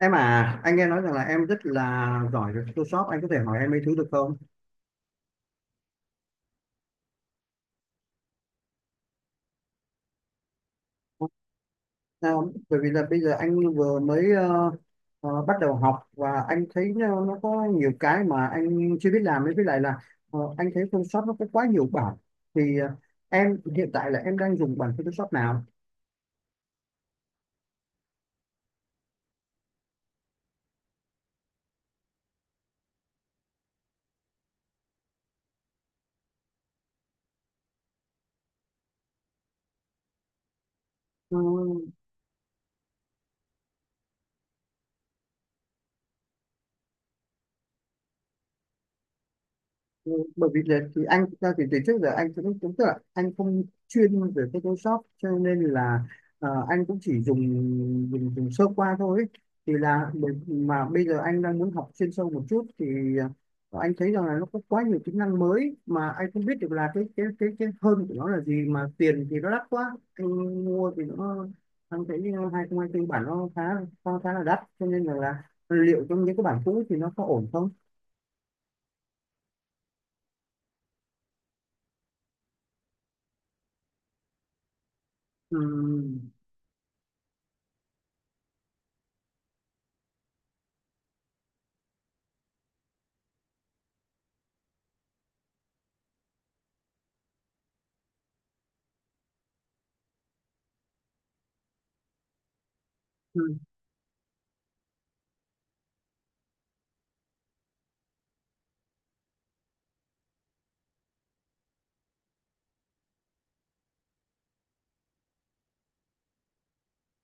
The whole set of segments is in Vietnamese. Em à, anh nghe nói rằng là em rất là giỏi về Photoshop, anh có thể hỏi em mấy thứ được không? À, bởi vì là bây giờ anh vừa mới bắt đầu học và anh thấy nó có nhiều cái mà anh chưa biết làm ấy, với lại là anh thấy Photoshop nó có quá nhiều bản. Thì ờ, em hiện tại là em đang dùng bản Photoshop nào? Ừ, ừ, bởi vì là thì anh thực ra thì từ trước giờ anh cũng cũng tức là anh không chuyên về Photoshop cho nên là anh cũng chỉ dùng dùng dùng sơ qua thôi ấy. Thì là mà bây giờ anh đang muốn học chuyên sâu một chút thì anh thấy rằng là nó có quá nhiều kỹ năng mới mà anh không biết được là cái hơn của nó là gì mà tiền thì nó đắt quá anh mua thì nó anh thấy 2024 bản nó khá khá khá là đắt cho nên là liệu trong những cái bản cũ thì nó có ổn không? Ừ. Ừ.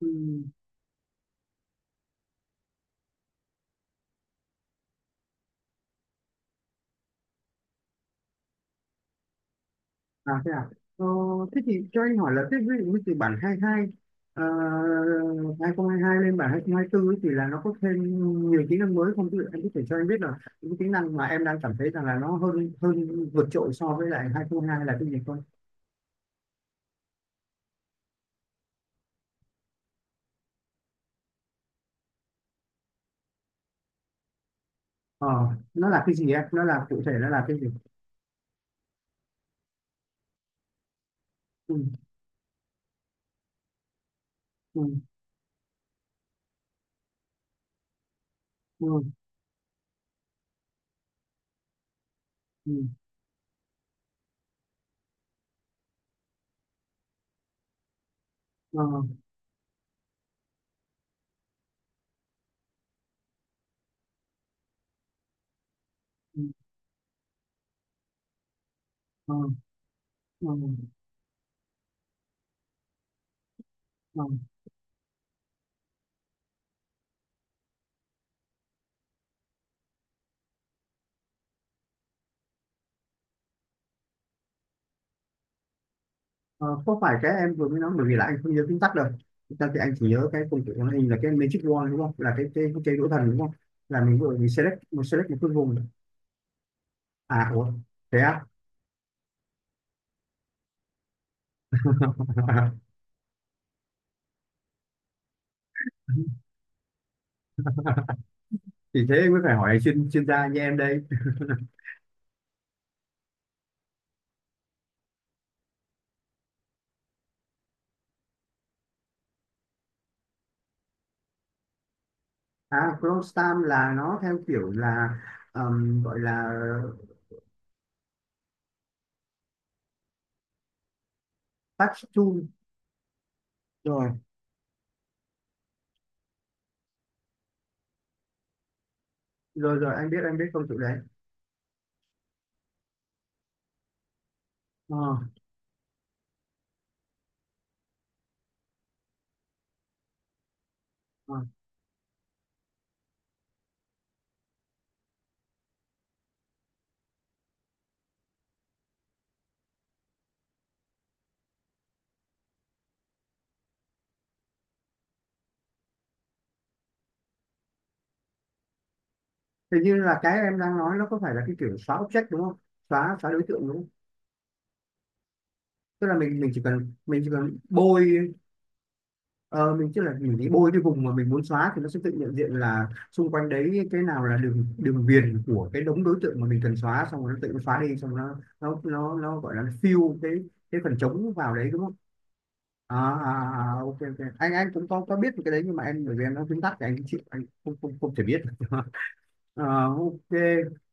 Ừ. À thế à? Ờ, thế thì cho anh hỏi là thế ví dụ như từ bản 22 ờ, 2022 lên bản 2024 ấy thì là nó có thêm nhiều tính năng mới không? Ví dụ anh có thể cho anh biết là những tính năng mà em đang cảm thấy rằng là nó hơn hơn vượt trội so với lại 2022 là cái gì không? Ờ, nó là cái gì em? Nó là cụ thể nó là cái gì? Ừ, ừ, ừ, ừ, ờ, ừ, ờ, ờ, ờ. Ờ, không phải cái em vừa mới nói bởi vì là anh không nhớ chính tắc đâu. Thực ra thì anh chỉ nhớ cái công cụ màn hình là cái Magic Wand đúng không, là cái đũa thần đúng không, là mình vừa mình select một cái vùng. À ủa, thế á? Thì thế mới phải hỏi chuyên chuyên gia như em đây. À Chrome Stamp là nó theo kiểu là gọi là patch tool. Rồi rồi rồi anh biết, anh biết công cụ đấy. Ờ, ờ. Hình như là cái em đang nói nó có phải là cái kiểu xóa object đúng không, xóa xóa đối tượng đúng? Tức là mình chỉ cần mình chỉ cần bôi ờ, mình tức là mình đi bôi cái vùng mà mình muốn xóa thì nó sẽ tự nhận diện là xung quanh đấy cái nào là đường đường viền của cái đống đối tượng mà mình cần xóa, xong rồi nó tự nó xóa đi, xong rồi nó gọi là nó fill cái phần trống vào đấy đúng không? À, à, à, à, ok ok, anh cũng có biết cái đấy nhưng mà em, bởi vì em nó viết tắt thì anh chịu, anh không không không thể biết. Ờ, ok,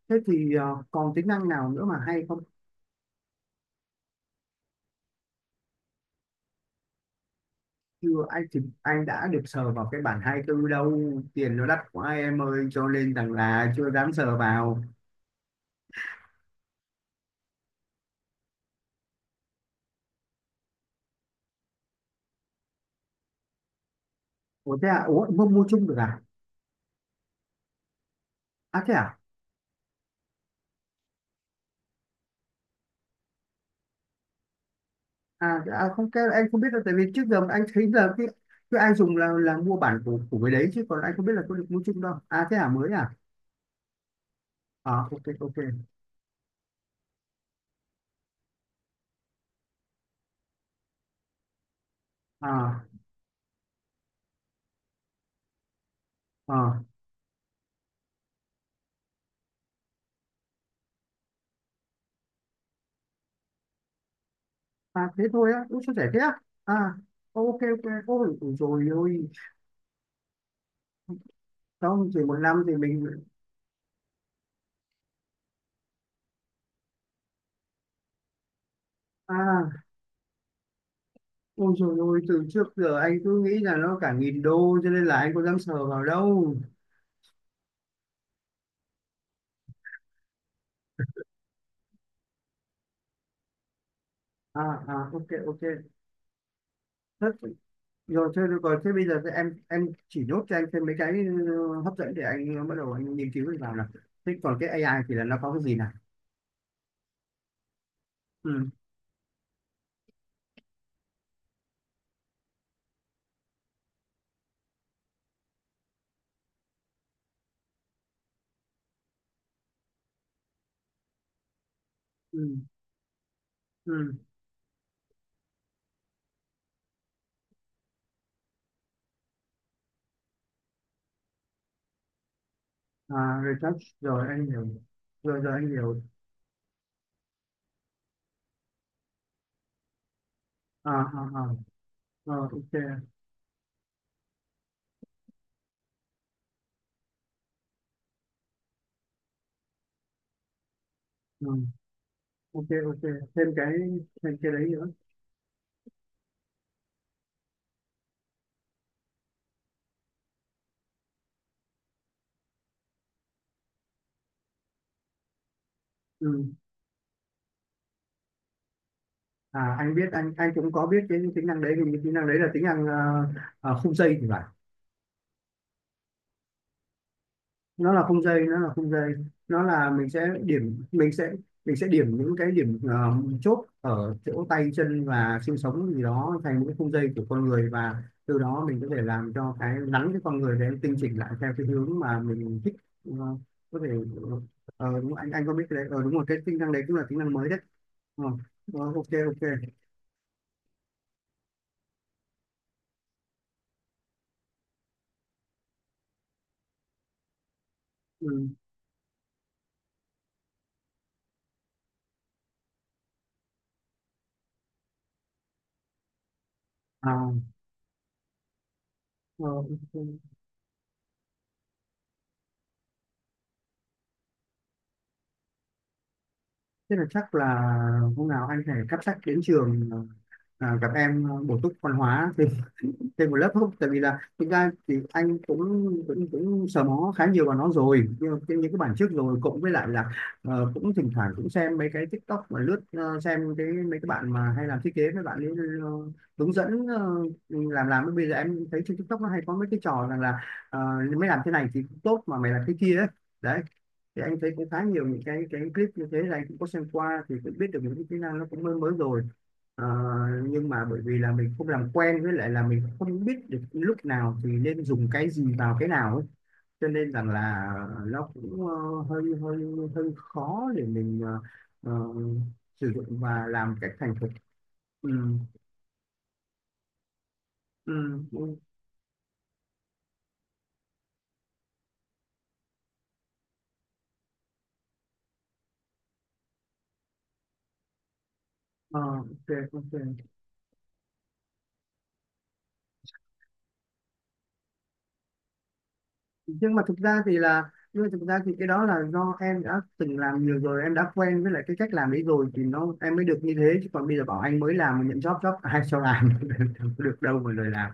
thế thì còn tính năng nào nữa mà hay không? Chưa, anh thì anh đã được sờ vào cái bản hai tư đâu. Tiền nó đắt quá em ơi cho nên rằng là chưa dám sờ vào. Ủa thế à, ủa mua mua chung được à? À thế à. À, à không, cái anh không biết đâu, tại vì trước giờ anh thấy là cái anh dùng là mua bản của cái đấy, chứ còn anh không biết là có được mua chung đâu. À thế à, mới à. À ok ok. À à, à thế thôi á, cũng chia sẻ thế á? À ok ok, ôi rồi ôi, xong chỉ một năm thì mình à. Ôi dồi ôi, từ trước giờ anh cứ nghĩ là nó cả nghìn đô cho nên là anh có dám sờ vào đâu. À, à, ok, ok. Thế, thế rồi, còn thế bây giờ thì em chỉ nốt cho anh thêm mấy cái hấp dẫn để anh bắt đầu anh nghiên cứu vào nào. Thế còn cái AI thì là nó có cái gì nào? Ừ, ừ, ừ. À, retouch, rồi anh hiểu. Rồi, rồi anh hiểu. À, à, à. Rồi, ok. Ừ, ok, ok. Thêm cái, thêm cái đấy nữa. Ừ. À, anh biết, anh cũng có biết cái tính năng đấy, vì tính năng đấy là tính năng khung dây thì phải. Nó là khung dây, nó là mình sẽ mình sẽ điểm những cái điểm chốt ở chỗ tay chân và xương sống gì đó thành những khung dây của con người, và từ đó mình có thể làm cho cái nắn cái con người để tinh chỉnh lại theo cái hướng mà mình thích. Ờ, có thể đúng, anh có biết cái đấy, ờ, đúng rồi, cái tính năng đấy cũng là tính năng mới đấy. Ờ, ok ok. ừ. à, ờ, ok. Thế là chắc là hôm nào anh phải cắp sách đến trường, à, gặp em bổ túc văn hóa thêm, thêm một lớp không? Tại vì là thực ra thì anh cũng cũng sờ mó khá nhiều vào nó rồi, nhưng mà những cái bản trước, rồi cộng với lại là cũng thỉnh thoảng cũng xem mấy cái TikTok mà lướt, xem cái mấy cái bạn mà hay làm thiết kế mấy bạn ấy ờ, hướng dẫn, làm bây giờ em thấy trên TikTok nó hay có mấy cái trò rằng là ờ, mày làm thế này thì cũng tốt mà mày làm thế kia ấy. Đấy, thì anh thấy cũng khá nhiều những cái clip như thế, là anh cũng có xem qua thì cũng biết được những cái kỹ năng nó cũng mới mới rồi. Ờ, nhưng mà bởi vì là mình không làm quen, với lại là mình không biết được lúc nào thì nên dùng cái gì vào cái nào ấy, cho nên rằng là nó cũng ờ, hơi hơi hơi khó để mình ờ, sử dụng và làm cách thành thục. ừ, ừ, ừ. Ờ, ok ok. Nhưng mà thực ra thì cái đó là do em đã từng làm nhiều rồi, em đã quen với lại cái cách làm ấy rồi thì nó em mới được như thế, chứ còn bây giờ bảo anh mới làm mà nhận job job ai cho làm. Không có được đâu mà lời làm.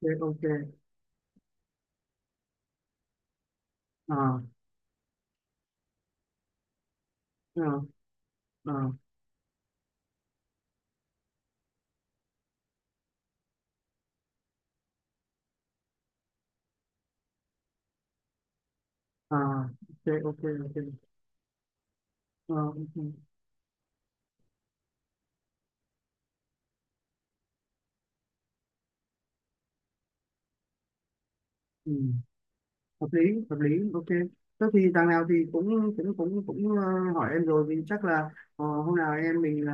Ok ok. ờ ờ ờ ờ ok ok ok. Ờ, ok. Ừ. Hợp lý hợp lý, ok. Thế thì đằng nào thì cũng cũng cũng cũng hỏi em rồi, vì chắc là hôm nào em mình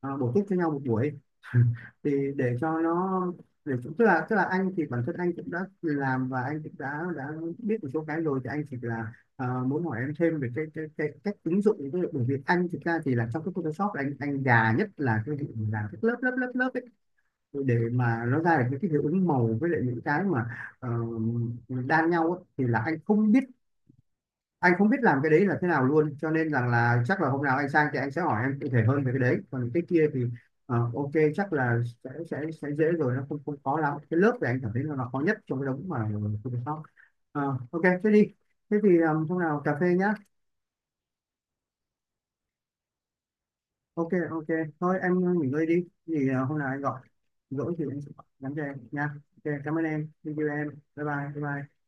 ờ, bổ túc cho nhau một buổi thì để cho nó, để tức là anh thì bản thân anh cũng đã làm và anh cũng đã biết một số cái rồi, thì anh chỉ là muốn hỏi em thêm về cái cách ứng dụng những cái, bởi vì anh thực ra thì là trong cái Photoshop là anh già nhất là cái vụ làm các lớp lớp lớp lớp để mà nó ra được những cái hiệu ứng màu với lại những cái mà ờ, đan nhau ấy, thì là anh không biết làm cái đấy là thế nào luôn, cho nên rằng là chắc là hôm nào anh sang thì anh sẽ hỏi em cụ thể hơn về cái đấy, còn cái kia thì ok chắc là sẽ dễ rồi, nó không không khó lắm. Cái lớp thì anh cảm thấy là nó khó nhất trong cái đống mà Photoshop. Ờ, ok thế đi. Thế thì hôm nào cà phê nhá. Ok ok. Thôi em nghỉ ngơi đi, thì hôm nào anh gọi, rỗi thì anh sẽ gọi nhắn cho em nha. Ok cảm ơn em, thank you em. Bye bye bye bye.